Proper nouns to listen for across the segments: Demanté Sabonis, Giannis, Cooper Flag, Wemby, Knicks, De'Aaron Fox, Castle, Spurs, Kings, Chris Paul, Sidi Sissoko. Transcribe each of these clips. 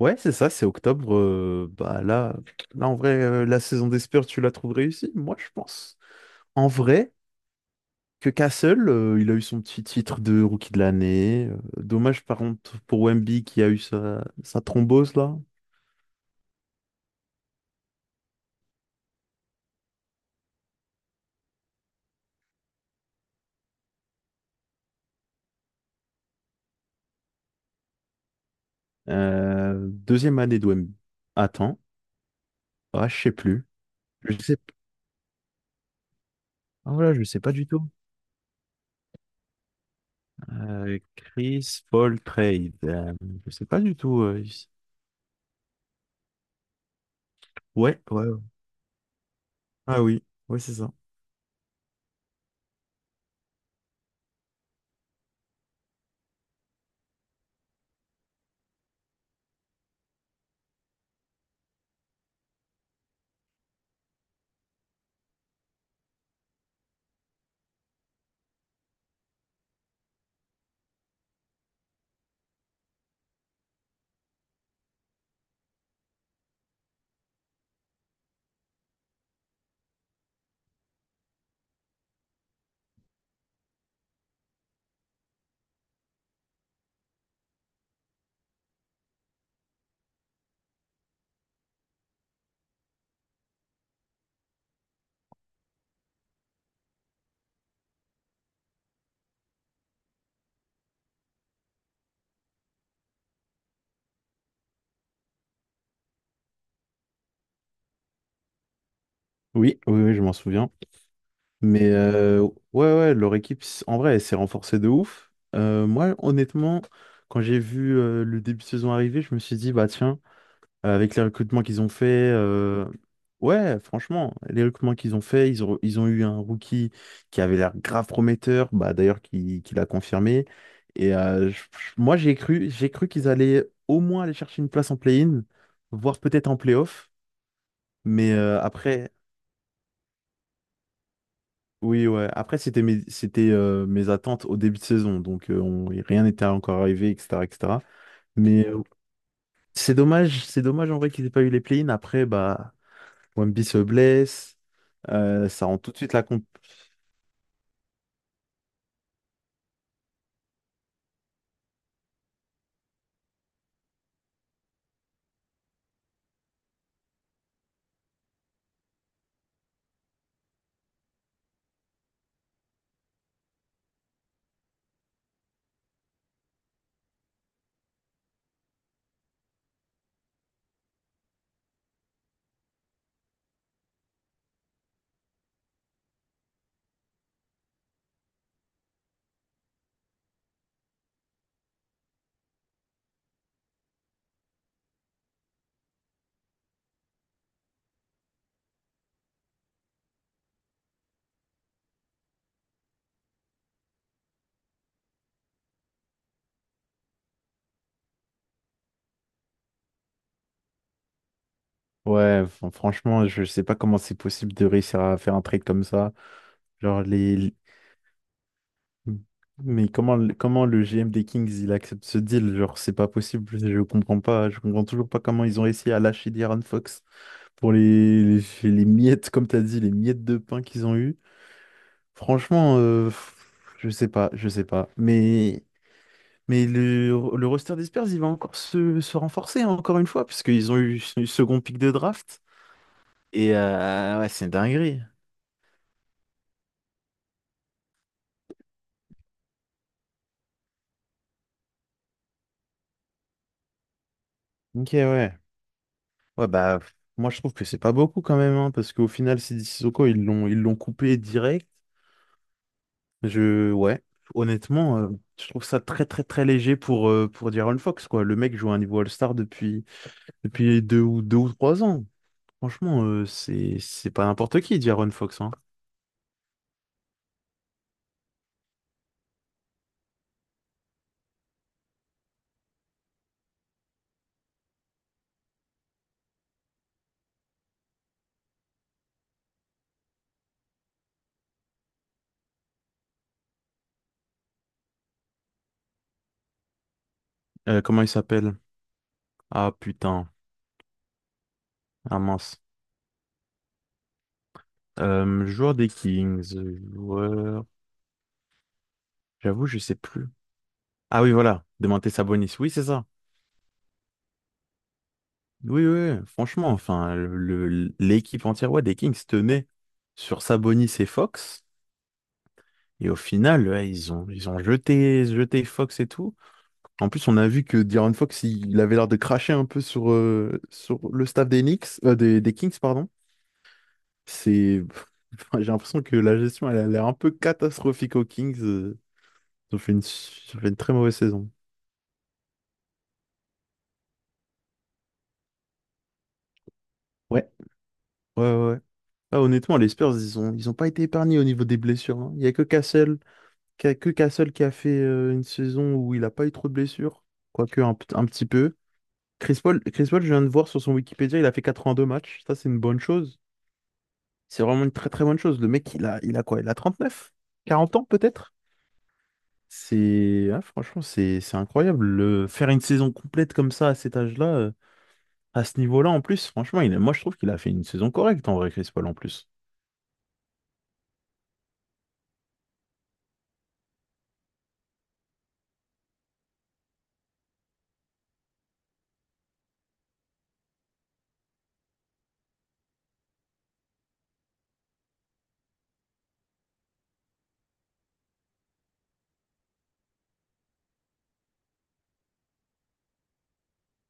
Ouais, c'est ça, c'est octobre. Bah là, en vrai, la saison des Spurs, tu la trouves réussie? Moi, je pense. En vrai, que Castle, il a eu son petit titre de rookie de l'année. Dommage, par contre, pour Wemby qui a eu sa thrombose, là. Deuxième année de Wemby. Attends. Ah, je sais plus. Je sais... Ah, voilà, je sais pas du tout. Chris Paul Trade. Je sais pas du tout. Ouais. Ah oui, ouais, c'est ça. Oui, oui, oui, je m'en souviens. Mais ouais, ouais, leur équipe, s- en vrai, elle s'est renforcée de ouf. Moi, honnêtement, quand j'ai vu le début de saison arriver, je me suis dit, bah tiens. Avec les recrutements qu'ils ont fait, euh, ouais, franchement, les recrutements qu'ils ont fait, ils ont eu un rookie qui avait l'air grave prometteur, bah, d'ailleurs, qui l'a confirmé. Et moi, j'ai cru qu'ils allaient au moins aller chercher une place en play-in, voire peut-être en play-off. Mais après, oui, ouais, après, c'était mes attentes au début de saison, donc rien n'était encore arrivé, etc., etc. Mais c'est dommage en vrai qu'ils aient pas eu les play-in. Après, bah, Wemby se blesse. Ça rend tout de suite la comp. Ouais, franchement, je sais pas comment c'est possible de réussir à faire un trade comme ça. Genre les les- mais comment le GM des Kings il accepte ce deal? Genre c'est pas possible, je comprends pas, je comprends toujours pas comment ils ont réussi à lâcher De'Aaron Fox pour les miettes comme t'as dit, les miettes de pain qu'ils ont eu. Franchement, pff, je sais pas. Mais le, le roster des Spurs, il va encore se renforcer hein, encore une fois parce qu'ils ont eu ce second pick de draft. Et ouais, c'est une dinguerie. Ok, ouais. Ouais, bah, pff, moi, je trouve que c'est pas beaucoup quand même, hein, parce qu'au final, Sidi Sissoko, ils l'ont coupé direct. Je, ouais, honnêtement, je trouve ça très, très, très léger pour Di'Aaron Fox, quoi. Le mec joue à un niveau All-Star depuis, depuis deux ou trois ans. Franchement, c'est pas n'importe qui, Di'Aaron Fox, hein. Comment il s'appelle? Ah, putain. Ah, mince. Joueur des Kings, joueur... J'avoue, je sais plus. Ah oui, voilà. Demanté Sabonis. Oui, c'est ça. Oui, oui, oui, franchement, enfin, l'équipe entière ouais, des Kings tenait sur Sabonis et Fox. Et au final, ouais, jeté Fox et tout. En plus, on a vu que De'Aaron Fox, il avait l'air de cracher un peu sur le staff des Knicks, des Kings, pardon. C'est, enfin, j'ai l'impression que la gestion, elle a l'air un peu catastrophique aux Kings. Ils ont fait une très mauvaise saison. Ouais, ouais, ouais. Ah, honnêtement, les Spurs, ils ont pas été épargnés au niveau des blessures. Hein. Il y a que Cassel. Qu'il y a que Castle qui a fait une saison où il n'a pas eu trop de blessures, quoique un petit peu. Chris Paul, je viens de voir sur son Wikipédia, il a fait 82 matchs. Ça, c'est une bonne chose. C'est vraiment une très très bonne chose. Le mec, il a quoi? Il a 39? 40 ans peut-être? Franchement, c'est incroyable. Le- faire une saison complète comme ça à cet âge-là, à ce niveau-là en plus, franchement, moi je trouve qu'il a fait une saison correcte en vrai, Chris Paul en plus.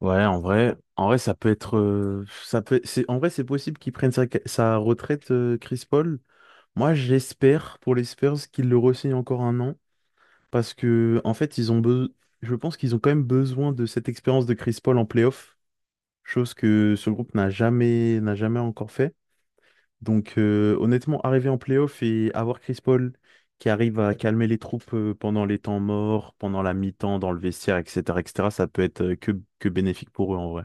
Ouais, en vrai, ça peut être, ça peut, c'est, en vrai, c'est possible qu'il prenne sa retraite, Chris Paul. Moi, j'espère pour les Spurs qu'ils le re encore un an parce que en fait, je pense qu'ils ont quand même besoin de cette expérience de Chris Paul en playoff, chose que ce groupe n'a jamais encore fait. Donc honnêtement, arriver en playoff et avoir Chris Paul qui arrive à calmer les troupes pendant les temps morts, pendant la mi-temps dans le vestiaire, etc., etc., ça peut être que bénéfique pour eux en vrai.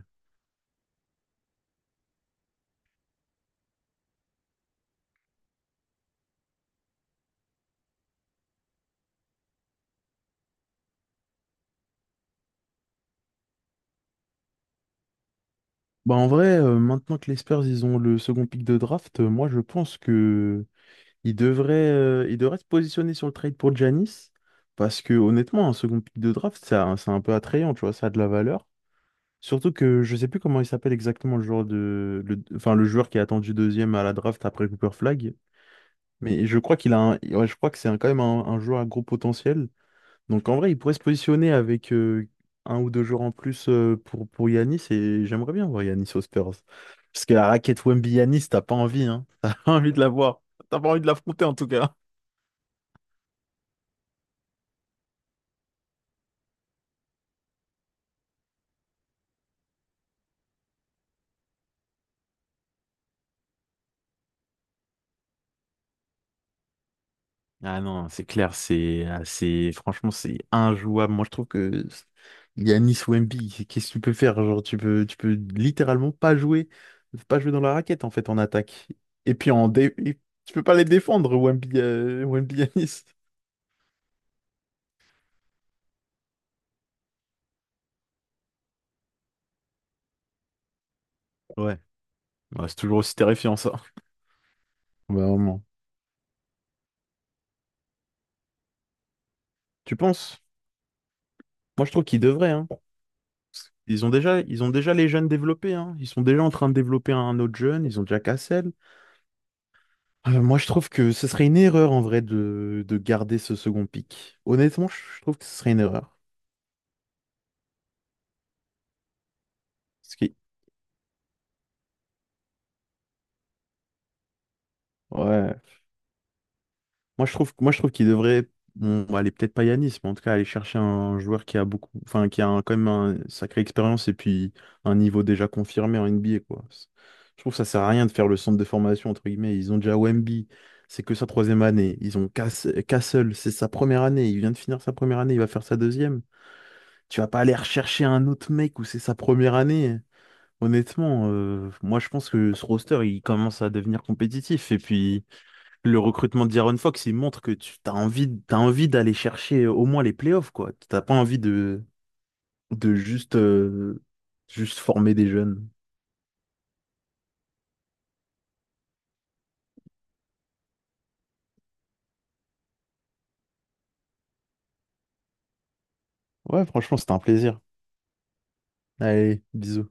Bah en vrai, maintenant que les Spurs ils ont le second pick de draft, moi je pense que ils devraient se positionner sur le trade pour Giannis parce que honnêtement, un second pick de draft, ça, c'est un peu attrayant, tu vois, ça a de la valeur. Surtout que je sais plus comment il s'appelle exactement le joueur de, le, enfin le joueur qui a attendu deuxième à la draft après Cooper Flag. Mais je crois ouais, je crois que quand même un joueur à gros potentiel. Donc en vrai, il pourrait se positionner avec un ou deux joueurs en plus pour Yanis et j'aimerais bien voir Yanis aux Spurs. Parce que la raquette Wemby Yanis, t'as pas envie, hein. T'as pas envie de la voir. T'as pas envie de l'affronter en tout cas. Ah non, c'est clair, c'est assez, franchement, c'est injouable. Moi, je trouve que Yanis Wemby, c'est- qu'est-ce que tu peux faire? Genre, tu peux littéralement pas jouer, pas jouer dans la raquette, en fait, en attaque. Et puis, en dé... et tu peux pas les défendre, Wemby, Wemby Yanis. Ouais, Ouais, c'est toujours aussi terrifiant, ça. Ouais, vraiment. Tu penses? Moi, je trouve qu'ils devraient, hein. Ils ont déjà les jeunes développés, hein. Ils sont déjà en train de développer un autre jeune, ils ont déjà Cassel. Moi, je trouve que ce serait une erreur en vrai de garder ce second pic. Honnêtement, je trouve que ce serait une erreur. Parce que, ouais, moi je trouve qu'il devrait, bon, aller peut-être pas Yanis, mais en tout cas aller chercher un joueur qui a beaucoup, enfin quand même une sacrée expérience et puis un niveau déjà confirmé en NBA quoi. C'est- Je trouve que ça sert à rien de faire le centre de formation entre guillemets. Ils ont déjà Wemby, c'est que sa troisième année. Ils ont Cass- Castle, c'est sa première année. Il vient de finir sa première année, il va faire sa deuxième. Tu vas pas aller rechercher un autre mec où c'est sa première année. Honnêtement, moi je pense que ce roster il commence à devenir compétitif et puis le recrutement d'Iron Fox il montre que tu as envie, t'as envie d'aller chercher au moins les playoffs quoi. T'as pas envie de, de juste, euh, juste former des jeunes. Ouais, franchement, c'était un plaisir. Allez, bisous.